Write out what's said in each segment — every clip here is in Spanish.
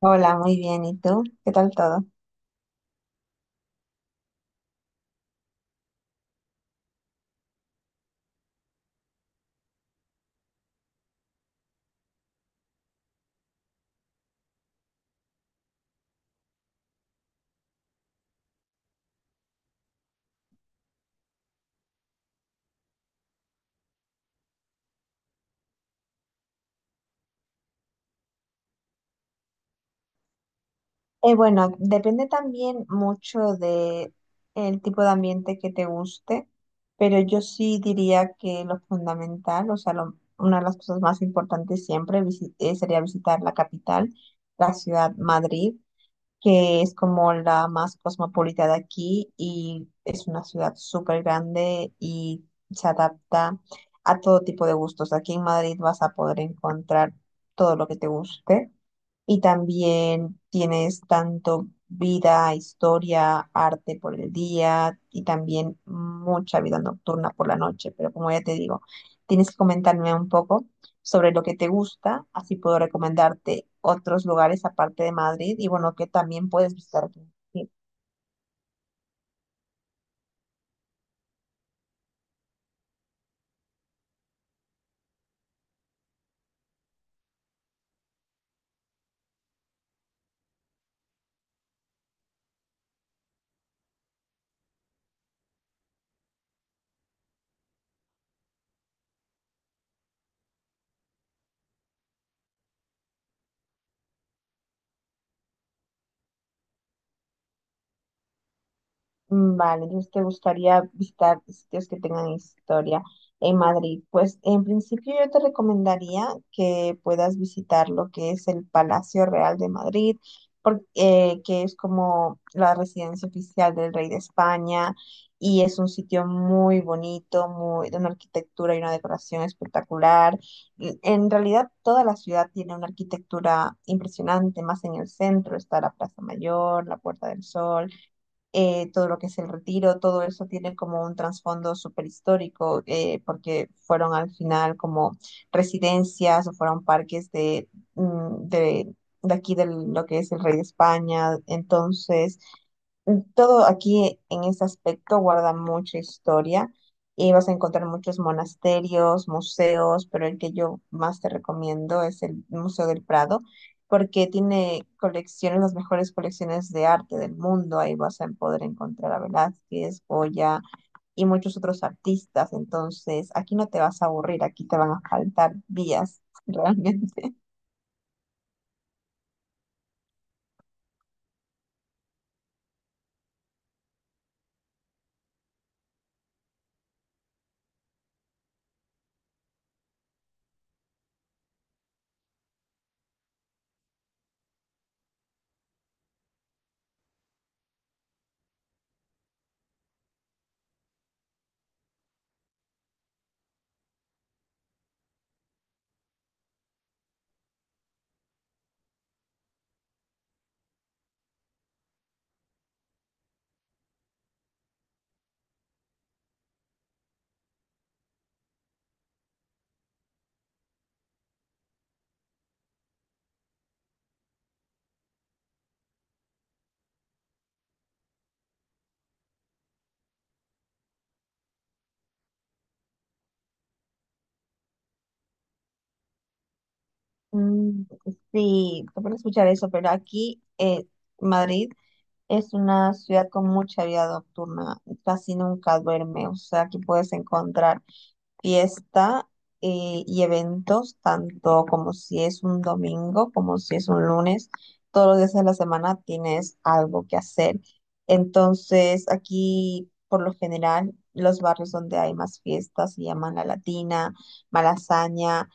Hola, muy bien. ¿Y tú? ¿Qué tal todo? Bueno, Depende también mucho de el tipo de ambiente que te guste, pero yo sí diría que lo fundamental, o sea, una de las cosas más importantes siempre sería visitar la capital, la ciudad Madrid, que es como la más cosmopolita de aquí y es una ciudad súper grande y se adapta a todo tipo de gustos. Aquí en Madrid vas a poder encontrar todo lo que te guste. Y también tienes tanto vida, historia, arte por el día y también mucha vida nocturna por la noche. Pero como ya te digo, tienes que comentarme un poco sobre lo que te gusta, así puedo recomendarte otros lugares aparte de Madrid y bueno, que también puedes visitar aquí. Vale, entonces te gustaría visitar sitios que tengan historia en Madrid. Pues en principio yo te recomendaría que puedas visitar lo que es el Palacio Real de Madrid, que es como la residencia oficial del rey de España y es un sitio muy bonito, muy, de una arquitectura y una decoración espectacular. Y en realidad toda la ciudad tiene una arquitectura impresionante, más en el centro está la Plaza Mayor, la Puerta del Sol, todo lo que es el retiro, todo eso tiene como un trasfondo súper histórico, porque fueron al final como residencias o fueron parques de, de aquí de lo que es el rey de España. Entonces, todo aquí en ese aspecto guarda mucha historia y vas a encontrar muchos monasterios, museos, pero el que yo más te recomiendo es el Museo del Prado, porque tiene colecciones, las mejores colecciones de arte del mundo. Ahí vas a poder encontrar a Velázquez, Goya y muchos otros artistas. Entonces, aquí no te vas a aburrir, aquí te van a faltar vías realmente. Mm, Sí, te pueden escuchar eso, pero aquí, Madrid es una ciudad con mucha vida nocturna, casi nunca duerme, o sea, aquí puedes encontrar fiesta, y eventos, tanto como si es un domingo, como si es un lunes, todos los días de la semana tienes algo que hacer. Entonces, aquí, por lo general, los barrios donde hay más fiestas se llaman La Latina, Malasaña,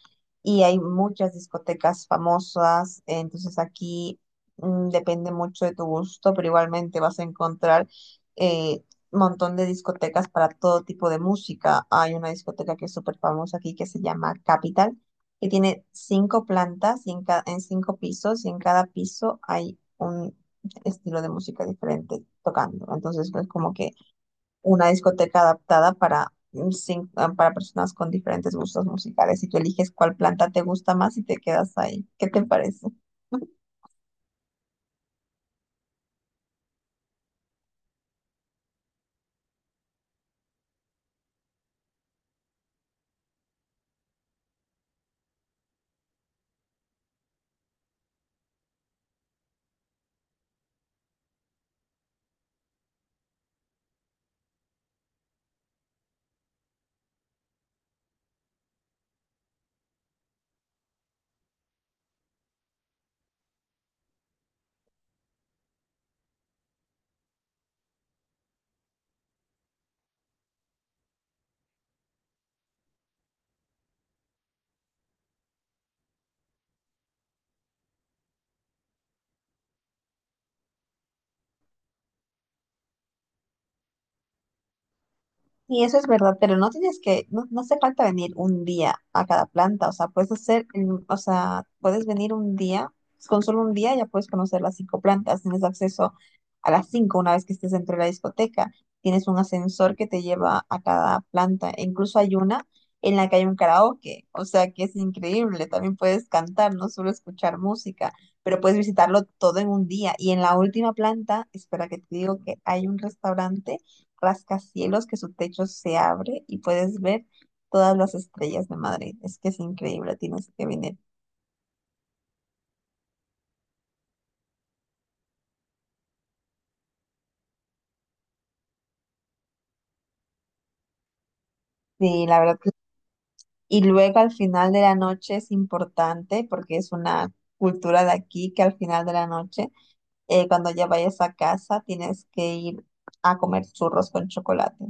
y hay muchas discotecas famosas. Entonces, aquí, depende mucho de tu gusto, pero igualmente vas a encontrar... eh, montón de discotecas para todo tipo de música. Hay una discoteca que es súper famosa aquí que se llama Capital, que tiene cinco plantas y en cinco pisos, y en cada piso hay un estilo de música diferente tocando. Entonces, es como que una discoteca adaptada para, para personas con diferentes gustos musicales y tú eliges cuál planta te gusta más y te quedas ahí. ¿Qué te parece? Sí, eso es verdad, pero no tienes que, no, no hace falta venir un día a cada planta, o sea, puedes o sea, puedes venir un día, pues, con solo un día ya puedes conocer las cinco plantas, tienes acceso a las cinco una vez que estés dentro de la discoteca, tienes un ascensor que te lleva a cada planta, e incluso hay una en la que hay un karaoke, o sea, que es increíble, también puedes cantar, no solo escuchar música, pero puedes visitarlo todo en un día, y en la última planta, espera que te digo que hay un restaurante rascacielos que su techo se abre y puedes ver todas las estrellas de Madrid. Es que es increíble, tienes que venir. Sí, la verdad. Y luego al final de la noche es importante porque es una cultura de aquí que al final de la noche, cuando ya vayas a casa, tienes que ir a comer churros con chocolate.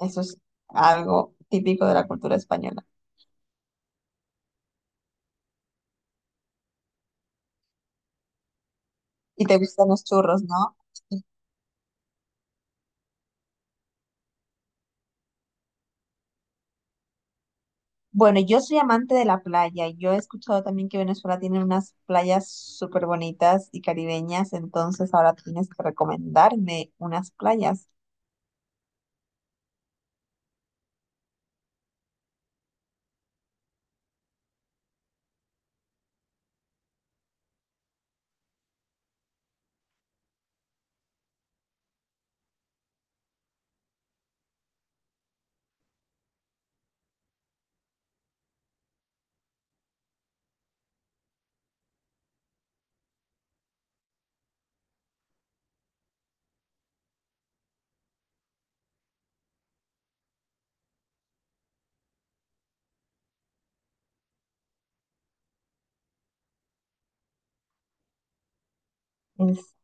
Eso es algo típico de la cultura española. Y te gustan los churros, ¿no? Bueno, yo soy amante de la playa. Y yo he escuchado también que Venezuela tiene unas playas súper bonitas y caribeñas, entonces ahora tienes que recomendarme unas playas. Es,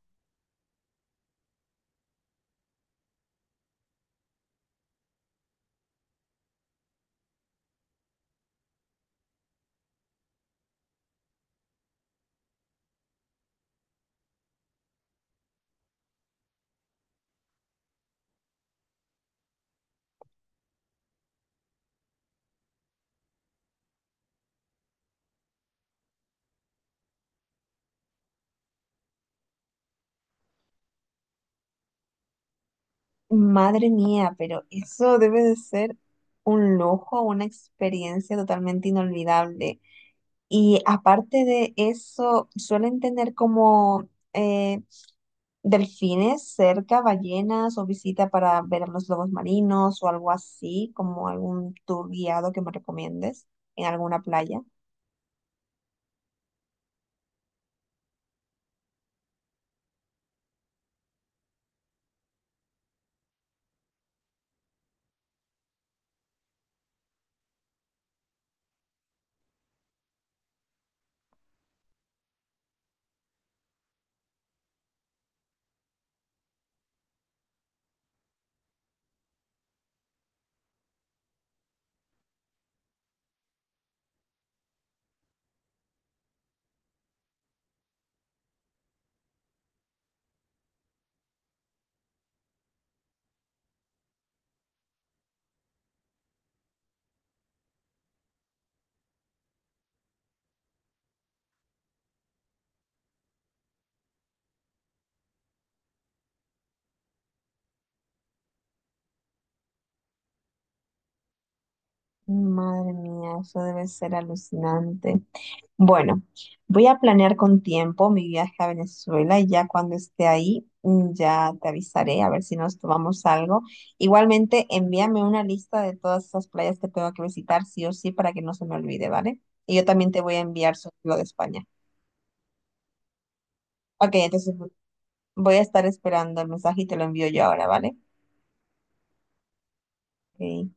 Madre mía, pero eso debe de ser un lujo, una experiencia totalmente inolvidable. Y aparte de eso, suelen tener como eh, delfines cerca, ballenas o visita para ver a los lobos marinos o algo así, como algún tour guiado que me recomiendes en alguna playa. Madre mía, eso debe ser alucinante. Bueno, voy a planear con tiempo mi viaje a Venezuela y ya cuando esté ahí, ya te avisaré a ver si nos tomamos algo. Igualmente, envíame una lista de todas esas playas que tengo que visitar, sí o sí, para que no se me olvide, ¿vale? Y yo también te voy a enviar sobre lo de España. Ok, entonces voy a estar esperando el mensaje y te lo envío yo ahora, ¿vale? Ok.